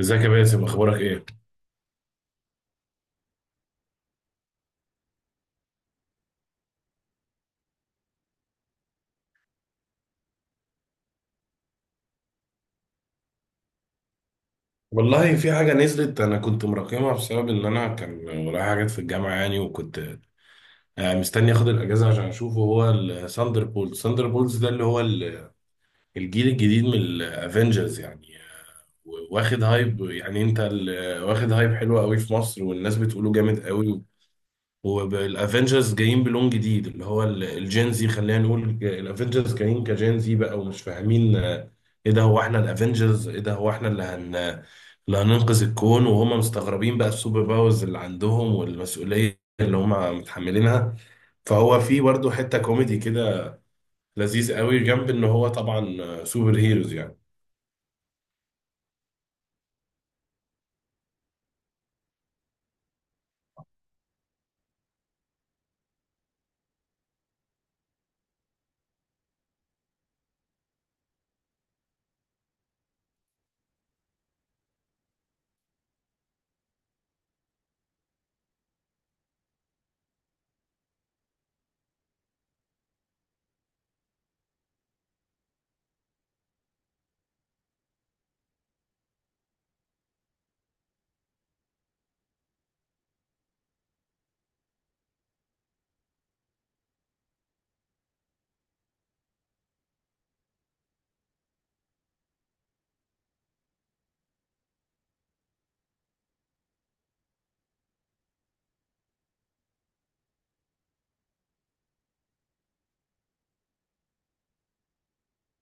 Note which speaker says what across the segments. Speaker 1: ازيك يا باسم، اخبارك ايه؟ والله في حاجه نزلت، انا كنت مراكمها بسبب ان انا كان ورايا حاجات في الجامعه يعني، وكنت مستني اخد الاجازه عشان اشوفه. هو الثاندر بولز، ثاندر بولز ده اللي هو الجيل الجديد من الافنجرز يعني. واخد هايب، يعني واخد هايب حلو قوي في مصر، والناس بتقوله جامد قوي. والافنجرز جايين بلون جديد اللي هو الجينزي، خلينا نقول الافنجرز جايين كجينزي بقى، ومش فاهمين ايه ده، هو احنا الافنجرز ايه ده، هو احنا اللي اللي هننقذ الكون؟ وهم مستغربين بقى السوبر باورز اللي عندهم والمسؤولية اللي هم متحملينها. فهو في برضه حتة كوميدي كده لذيذ قوي، جنب ان هو طبعا سوبر هيروز يعني.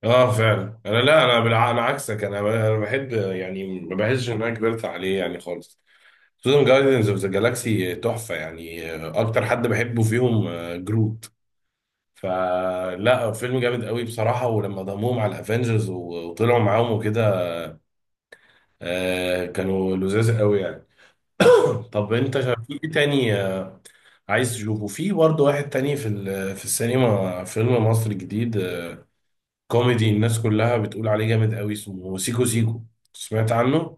Speaker 1: اه فعلا، انا عكسك، انا بحب، يعني ما بحسش ان انا كبرت عليه يعني خالص. سوزان جايدنز اوف ذا جالاكسي تحفة يعني. أكتر حد بحبه فيهم جروت. فلا، فيلم جامد قوي بصراحة، ولما ضموهم على الأفينجرز وطلعوا معاهم وكده كانوا لذاذ قوي يعني. طب أنت في إيه تاني عايز تشوفه؟ في برضه واحد تاني في في السينما، فيلم مصري جديد كوميدي، الناس كلها بتقول عليه جامد قوي، اسمه سيكو سيكو. سمعت عنه؟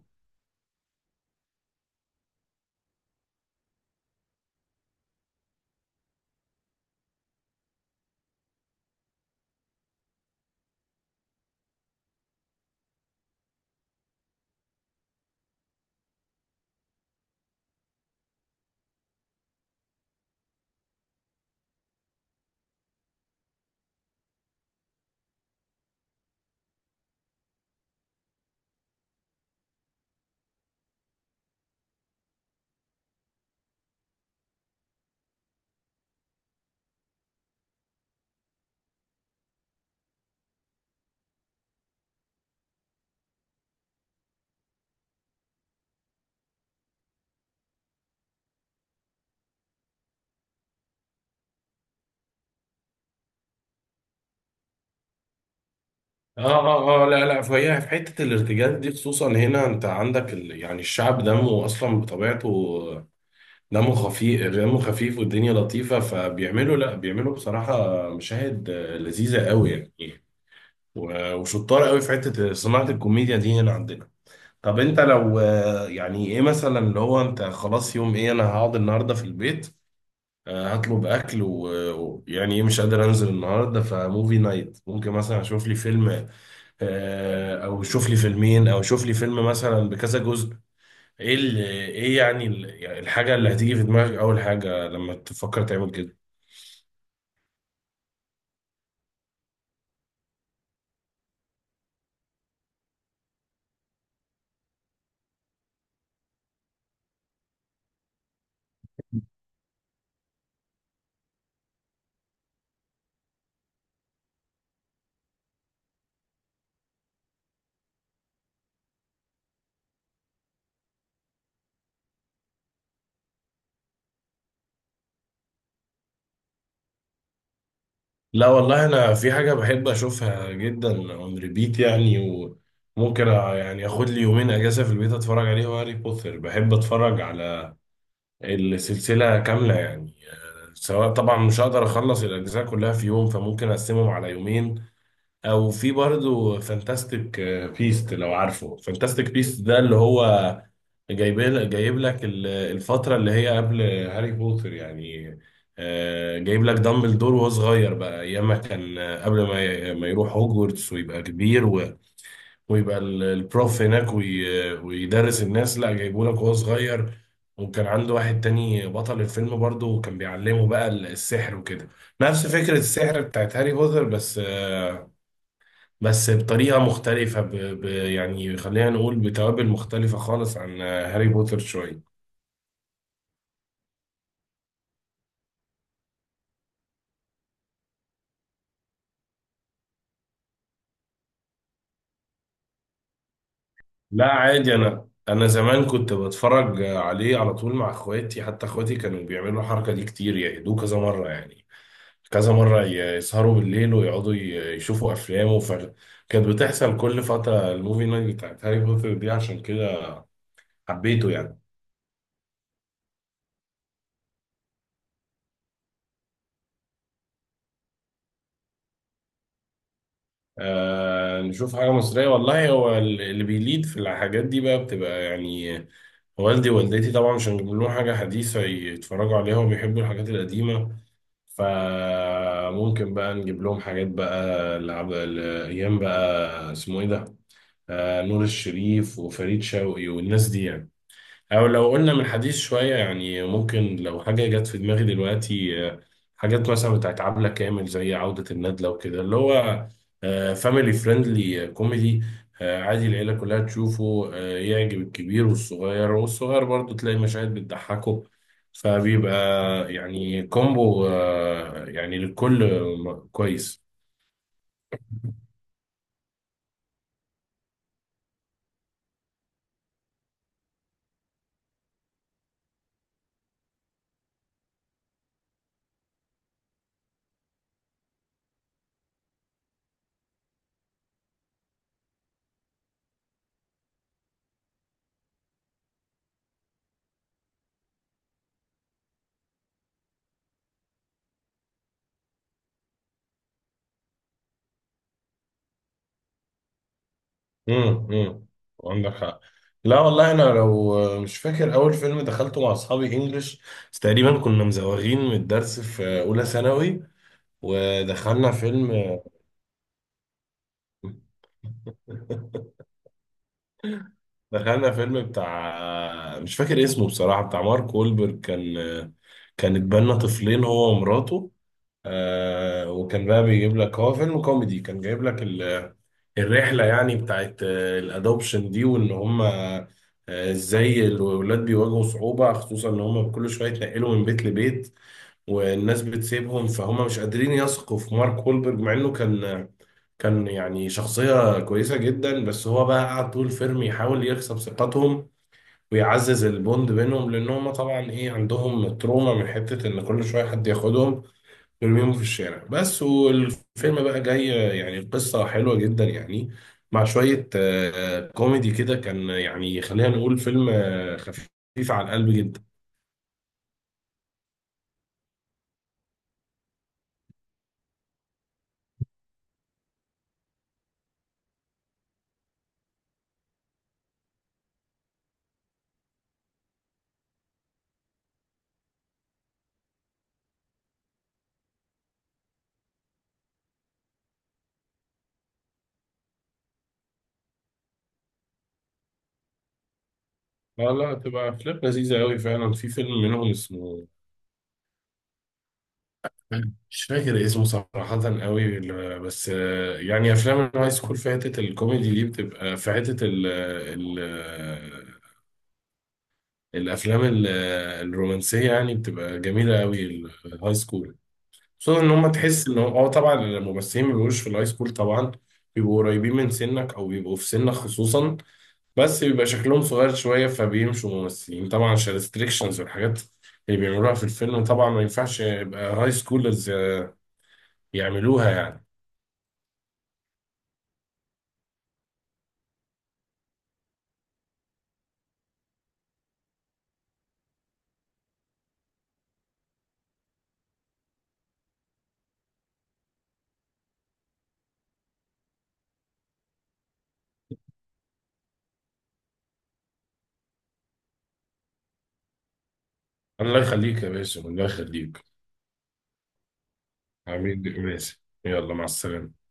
Speaker 1: اه لا لا، فهي في حته الارتجال دي خصوصا هنا، انت عندك يعني الشعب دمه اصلا بطبيعته دمه خفيف، والدنيا لطيفه، فبيعملوا لا بيعملوا بصراحه مشاهد لذيذه قوي يعني. وشطار قوي في حته صناعه الكوميديا دي هنا عندنا. طب انت لو يعني ايه مثلا، اللي هو انت خلاص يوم ايه، انا هقعد النهارده في البيت، هطلب اكل، ويعني ايه، مش قادر انزل النهارده، فموفي نايت ممكن مثلا اشوف لي فيلم، او شوف لي فيلمين، او شوف لي فيلم مثلا بكذا جزء. ايه اللي ايه يعني ال- يعني الحاجه اللي هتيجي في دماغك اول حاجه لما تفكر تعمل كده؟ لا والله، انا في حاجه بحب اشوفها جدا اون ريبيت يعني، وممكن يعني اخد لي يومين اجازه في البيت اتفرج عليه، هو هاري بوتر. بحب اتفرج على السلسله كامله يعني. سواء طبعا مش هقدر اخلص الاجزاء كلها في يوم، فممكن اقسمهم على يومين. او في برضه فانتاستيك بيست، لو عارفه. فانتاستيك بيست ده اللي هو جايب، لك الفترة اللي هي قبل هاري بوتر يعني. جايب لك دامبلدور وهو صغير بقى، ايام ما كان قبل ما يروح هوجورتس ويبقى كبير، ويبقى البروف هناك، ويدرس الناس. لا، جايبه لك وهو صغير، وكان عنده واحد تاني بطل الفيلم برضه، وكان بيعلمه بقى السحر وكده. نفس فكرة السحر بتاعت هاري بوتر بس بطريقة مختلفة، يعني خلينا نقول بتوابل مختلفة خالص عن هاري بوتر شوية. لا عادي، أنا زمان كنت بتفرج عليه على طول مع إخواتي، حتى إخواتي كانوا بيعملوا الحركة دي كتير، يعيدوه كذا مرة يعني، كذا مرة يسهروا بالليل ويقعدوا يشوفوا أفلام كانت بتحصل كل فترة الموفي نايت بتاعت هاري بوتر دي، عشان كده حبيته يعني. آه نشوف حاجة مصرية. والله هو اللي بيليد في الحاجات دي بقى بتبقى يعني، والدي ووالدتي طبعا مش هنجيب لهم حاجة حديثة يتفرجوا عليها، وبيحبوا الحاجات القديمة، فممكن بقى نجيب لهم حاجات بقى لعب الأيام بقى. اسمه إيه ده؟ آه، نور الشريف وفريد شوقي والناس دي يعني. او لو قلنا من حديث شوية، يعني ممكن لو حاجة جت في دماغي دلوقتي حاجات مثلا بتاعت عبلة كامل، زي عودة الندلة وكده، اللي هو فاميلي فريندلي كوميدي، عادي العيلة كلها تشوفه، يعجب الكبير والصغير، والصغير برضه تلاقي مشاهد بتضحكه، فبيبقى يعني كومبو يعني للكل كويس. امم امم عندك حق. لا والله، انا لو مش فاكر اول فيلم دخلته مع اصحابي انجلش، بس تقريبا كنا مزوغين من الدرس في اولى ثانوي، ودخلنا فيلم دخلنا فيلم بتاع، مش فاكر اسمه بصراحة، بتاع مارك وولبرج. كان اتبنى طفلين هو ومراته، وكان بقى بيجيب لك، هو فيلم كوميدي، كان جايب لك ال الرحلة يعني بتاعت الادوبشن دي، وان هم ازاي الولاد بيواجهوا صعوبة، خصوصا ان هم كل شوية يتنقلوا من بيت لبيت، والناس بتسيبهم، فهم مش قادرين يثقوا في مارك وولبرج، مع انه كان يعني شخصية كويسة جدا، بس هو بقى قعد طول الفيلم يحاول يكسب ثقتهم، ويعزز البوند بينهم، لان هم طبعا ايه، عندهم تروما من حتة ان كل شوية حد ياخدهم ترميهم في الشارع بس. والفيلم بقى جاي يعني، القصة حلوة جدا يعني، مع شوية كوميدي كده، كان يعني خلينا نقول فيلم خفيف على القلب جدا. لا لا، تبقى أفلام لذيذة أوي فعلا. في فيلم منهم اسمه، مش فاكر اسمه صراحة أوي بس يعني أفلام الهاي سكول في حتة الكوميدي دي بتبقى في حتة ال ال آه، الأفلام ال- آه، الرومانسية يعني بتبقى جميلة أوي، الهاي سكول خصوصا ان هم تحس ان هو اه طبعا الممثلين ما بيبقوش في الهاي سكول طبعا، بيبقوا قريبين من سنك او بيبقوا في سنك خصوصا، بس بيبقى شكلهم صغير شويه، فبيمشوا ممثلين طبعا عشان الريستريكشنز والحاجات اللي بيعملوها في الفيلم، طبعا ما ينفعش يبقى هاي سكولرز يعملوها يعني. الله يخليك يا باسم، الله يخليك. عميد باسم، يلا مع السلامه.